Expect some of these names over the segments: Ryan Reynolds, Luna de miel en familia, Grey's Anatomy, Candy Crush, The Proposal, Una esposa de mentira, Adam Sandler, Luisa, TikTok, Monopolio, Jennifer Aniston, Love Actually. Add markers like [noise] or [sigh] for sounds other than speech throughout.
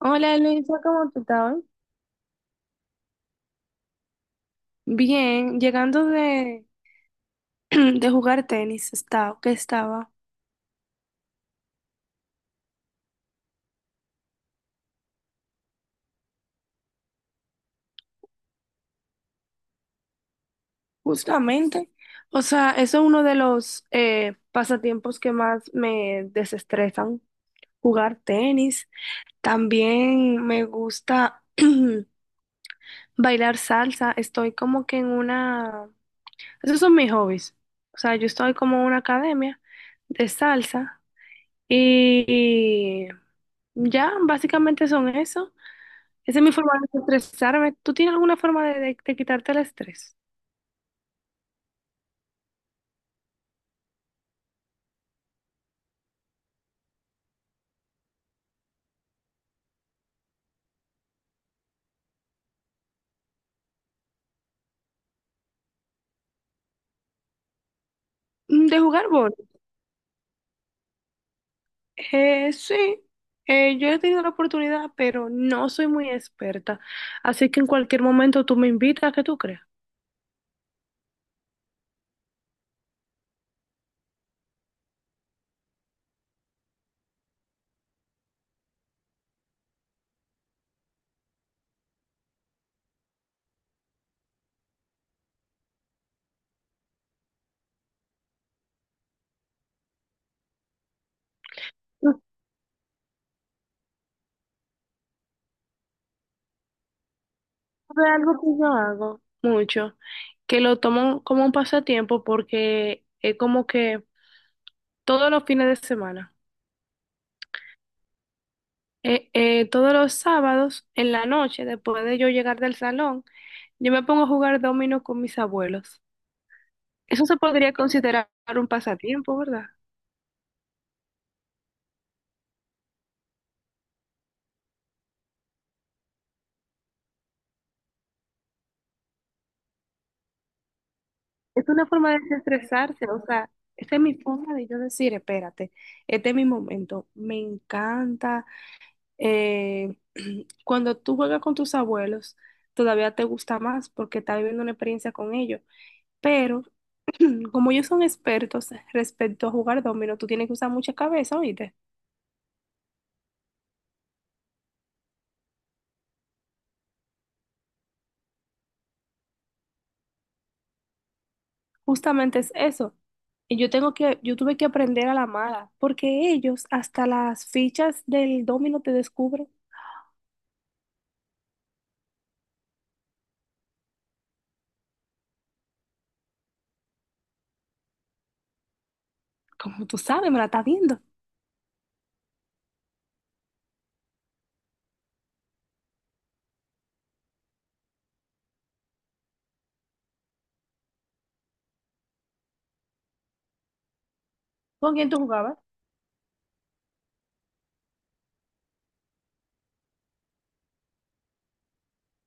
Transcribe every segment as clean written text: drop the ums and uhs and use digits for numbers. Hola Luisa, ¿cómo tú estás? Bien, llegando [clears throat] de jugar tenis, justamente. O sea, eso es uno de los pasatiempos que más me desestresan, jugar tenis. También me gusta [clears throat] bailar salsa, estoy como que en una... Esos son mis hobbies. O sea, yo estoy como en una academia de salsa y ya, básicamente son eso. Esa es mi forma de estresarme. ¿Tú tienes alguna forma de quitarte el estrés? Mm, ¿de jugar bol? Sí, yo he tenido la oportunidad, pero no soy muy experta. Así que en cualquier momento tú me invitas, ¿qué tú crees? Tú sabes algo que yo hago mucho, que lo tomo como un pasatiempo porque es como que todos los fines de semana, todos los sábados en la noche, después de yo llegar del salón, yo me pongo a jugar dominó con mis abuelos. Eso se podría considerar un pasatiempo, ¿verdad? Es una forma de desestresarse, o sea, esta es mi forma de yo decir, espérate, este es mi momento. Me encanta. eh, [clears throat] Cuando tú juegas con tus abuelos, todavía te gusta más porque estás viviendo una experiencia con ellos. Pero [clears throat] como ellos son expertos respecto a jugar dominó, tú tienes que usar mucha cabeza, ¿oíste? Justamente es eso. Yo tuve que aprender a la mala, porque ellos hasta las fichas del dominó te descubren. Como tú sabes, me la estás viendo. ¿Con quién tú jugabas?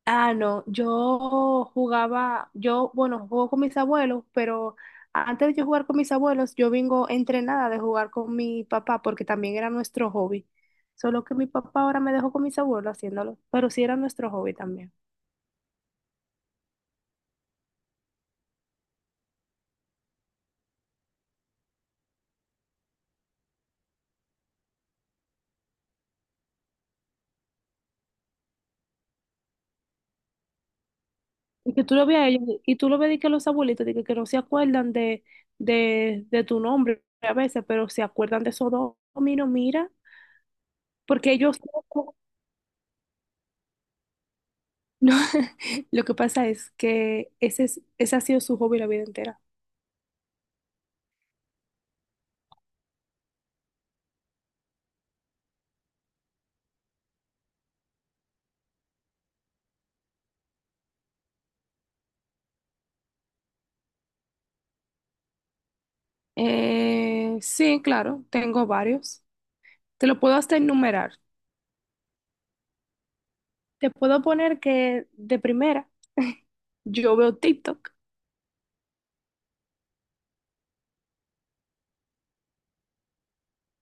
Ah, no, bueno, juego con mis abuelos, pero antes de yo jugar con mis abuelos, yo vengo entrenada de jugar con mi papá, porque también era nuestro hobby. Solo que mi papá ahora me dejó con mis abuelos haciéndolo, pero sí era nuestro hobby también. Y que tú lo veas a ellos, y tú lo ves de que los abuelitos, que no se acuerdan de tu nombre a veces, pero se acuerdan de esos dos dominos, mira, porque ellos no, [laughs] lo que pasa es que ese ha sido su hobby la vida entera. Sí, claro, tengo varios. Te lo puedo hasta enumerar. Te puedo poner que de primera [laughs] yo veo TikTok.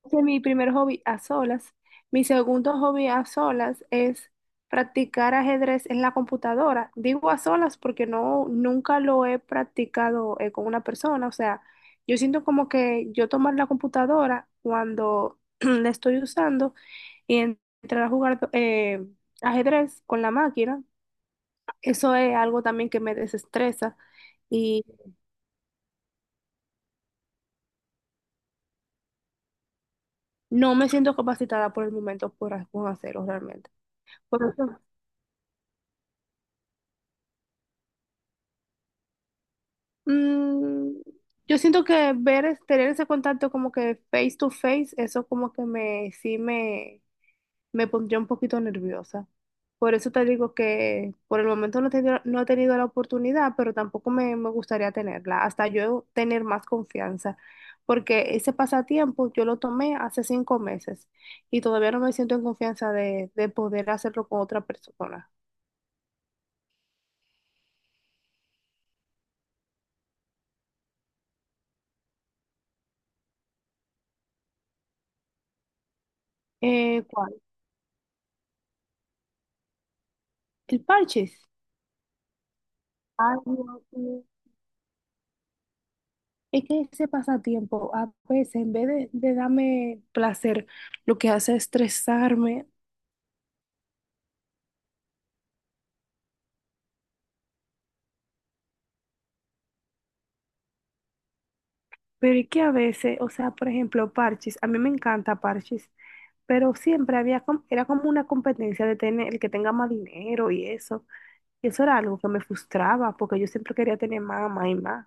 Ese es mi primer hobby a solas. Mi segundo hobby a solas es practicar ajedrez en la computadora. Digo a solas porque no, nunca lo he practicado con una persona. O sea, yo siento como que yo tomar la computadora cuando [clears throat] la estoy usando y entrar a jugar ajedrez con la máquina, eso es algo también que me desestresa, y no me siento capacitada por el momento por hacerlo realmente. Mm, yo siento que tener ese contacto como que face to face, eso como que sí me pondría un poquito nerviosa. Por eso te digo que por el momento no he tenido la oportunidad, pero tampoco me, me gustaría tenerla, hasta yo tener más confianza, porque ese pasatiempo yo lo tomé hace 5 meses y todavía no me siento en confianza de poder hacerlo con otra persona. ¿Cuál? El parches. Ay, Dios mío. Es que ese pasatiempo a veces en vez de darme placer, lo que hace es estresarme, pero es que a veces, o sea, por ejemplo, parches, a mí me encanta parches, pero era como una competencia de tener el que tenga más dinero y eso era algo que me frustraba porque yo siempre quería tener más, más y más.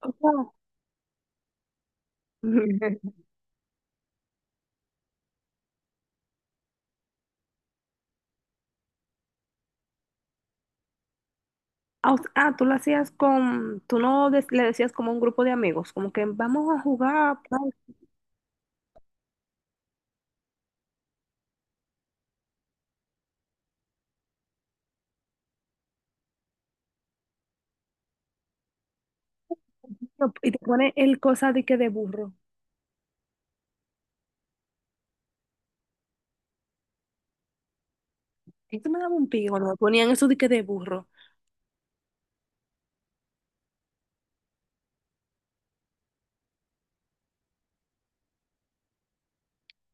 O sea, [laughs] tú lo hacías con, tú no des- le decías como a un grupo de amigos, como que vamos a jugar, tal, y te pone el cosa de que de burro. Esto me daba un pico cuando me ponían esos diques de burro.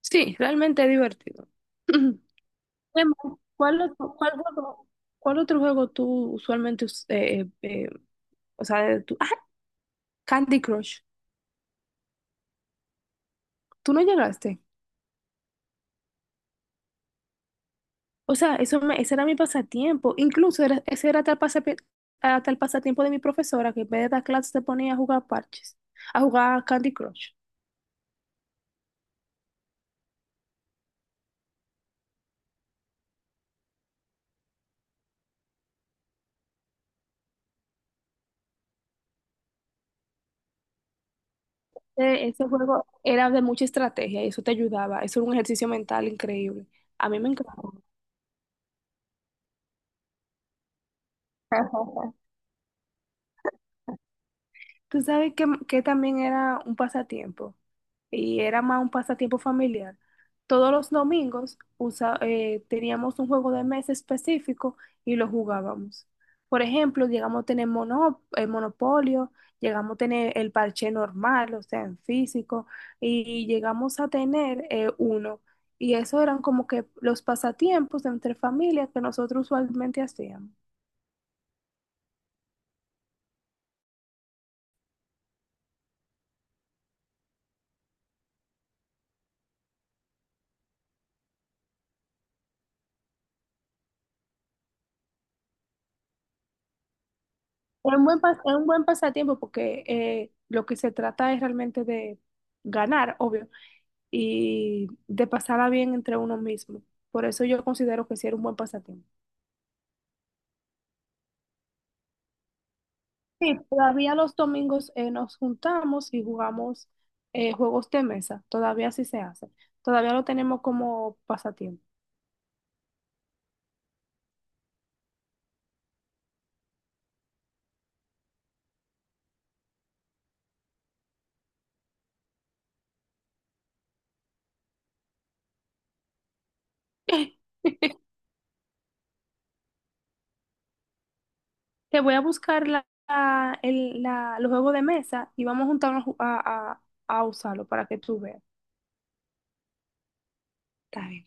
Sí, realmente es divertido. [clears throat] Em, ¿cuál otro, cuál juego, cuál otro juego tú o sea, Candy Crush, tú no llegaste. O sea, ese era mi pasatiempo. Ese era tal pasatiempo de mi profesora que en vez de dar clases se ponía a jugar parches, a jugar Candy Crush. Ese juego era de mucha estrategia y eso te ayudaba. Eso era un ejercicio mental increíble. A mí me encantó. [laughs] Tú sabes que también era un pasatiempo y era más un pasatiempo familiar. Todos los domingos teníamos un juego de mesa específico y lo jugábamos. Por ejemplo, llegamos a tener Monopolio, llegamos a tener el parche normal, o sea, en físico, y llegamos a tener uno. Y eso eran como que los pasatiempos entre familias que nosotros usualmente hacíamos. Es un es un buen pasatiempo porque lo que se trata es realmente de ganar, obvio, y de pasarla bien entre uno mismo. Por eso yo considero que sí era un buen pasatiempo. Sí, todavía los domingos nos juntamos y jugamos juegos de mesa. Todavía sí se hace. Todavía lo tenemos como pasatiempo. [laughs] Te voy a buscar los juegos de mesa y vamos a juntarnos a usarlo para que tú veas. Está bien.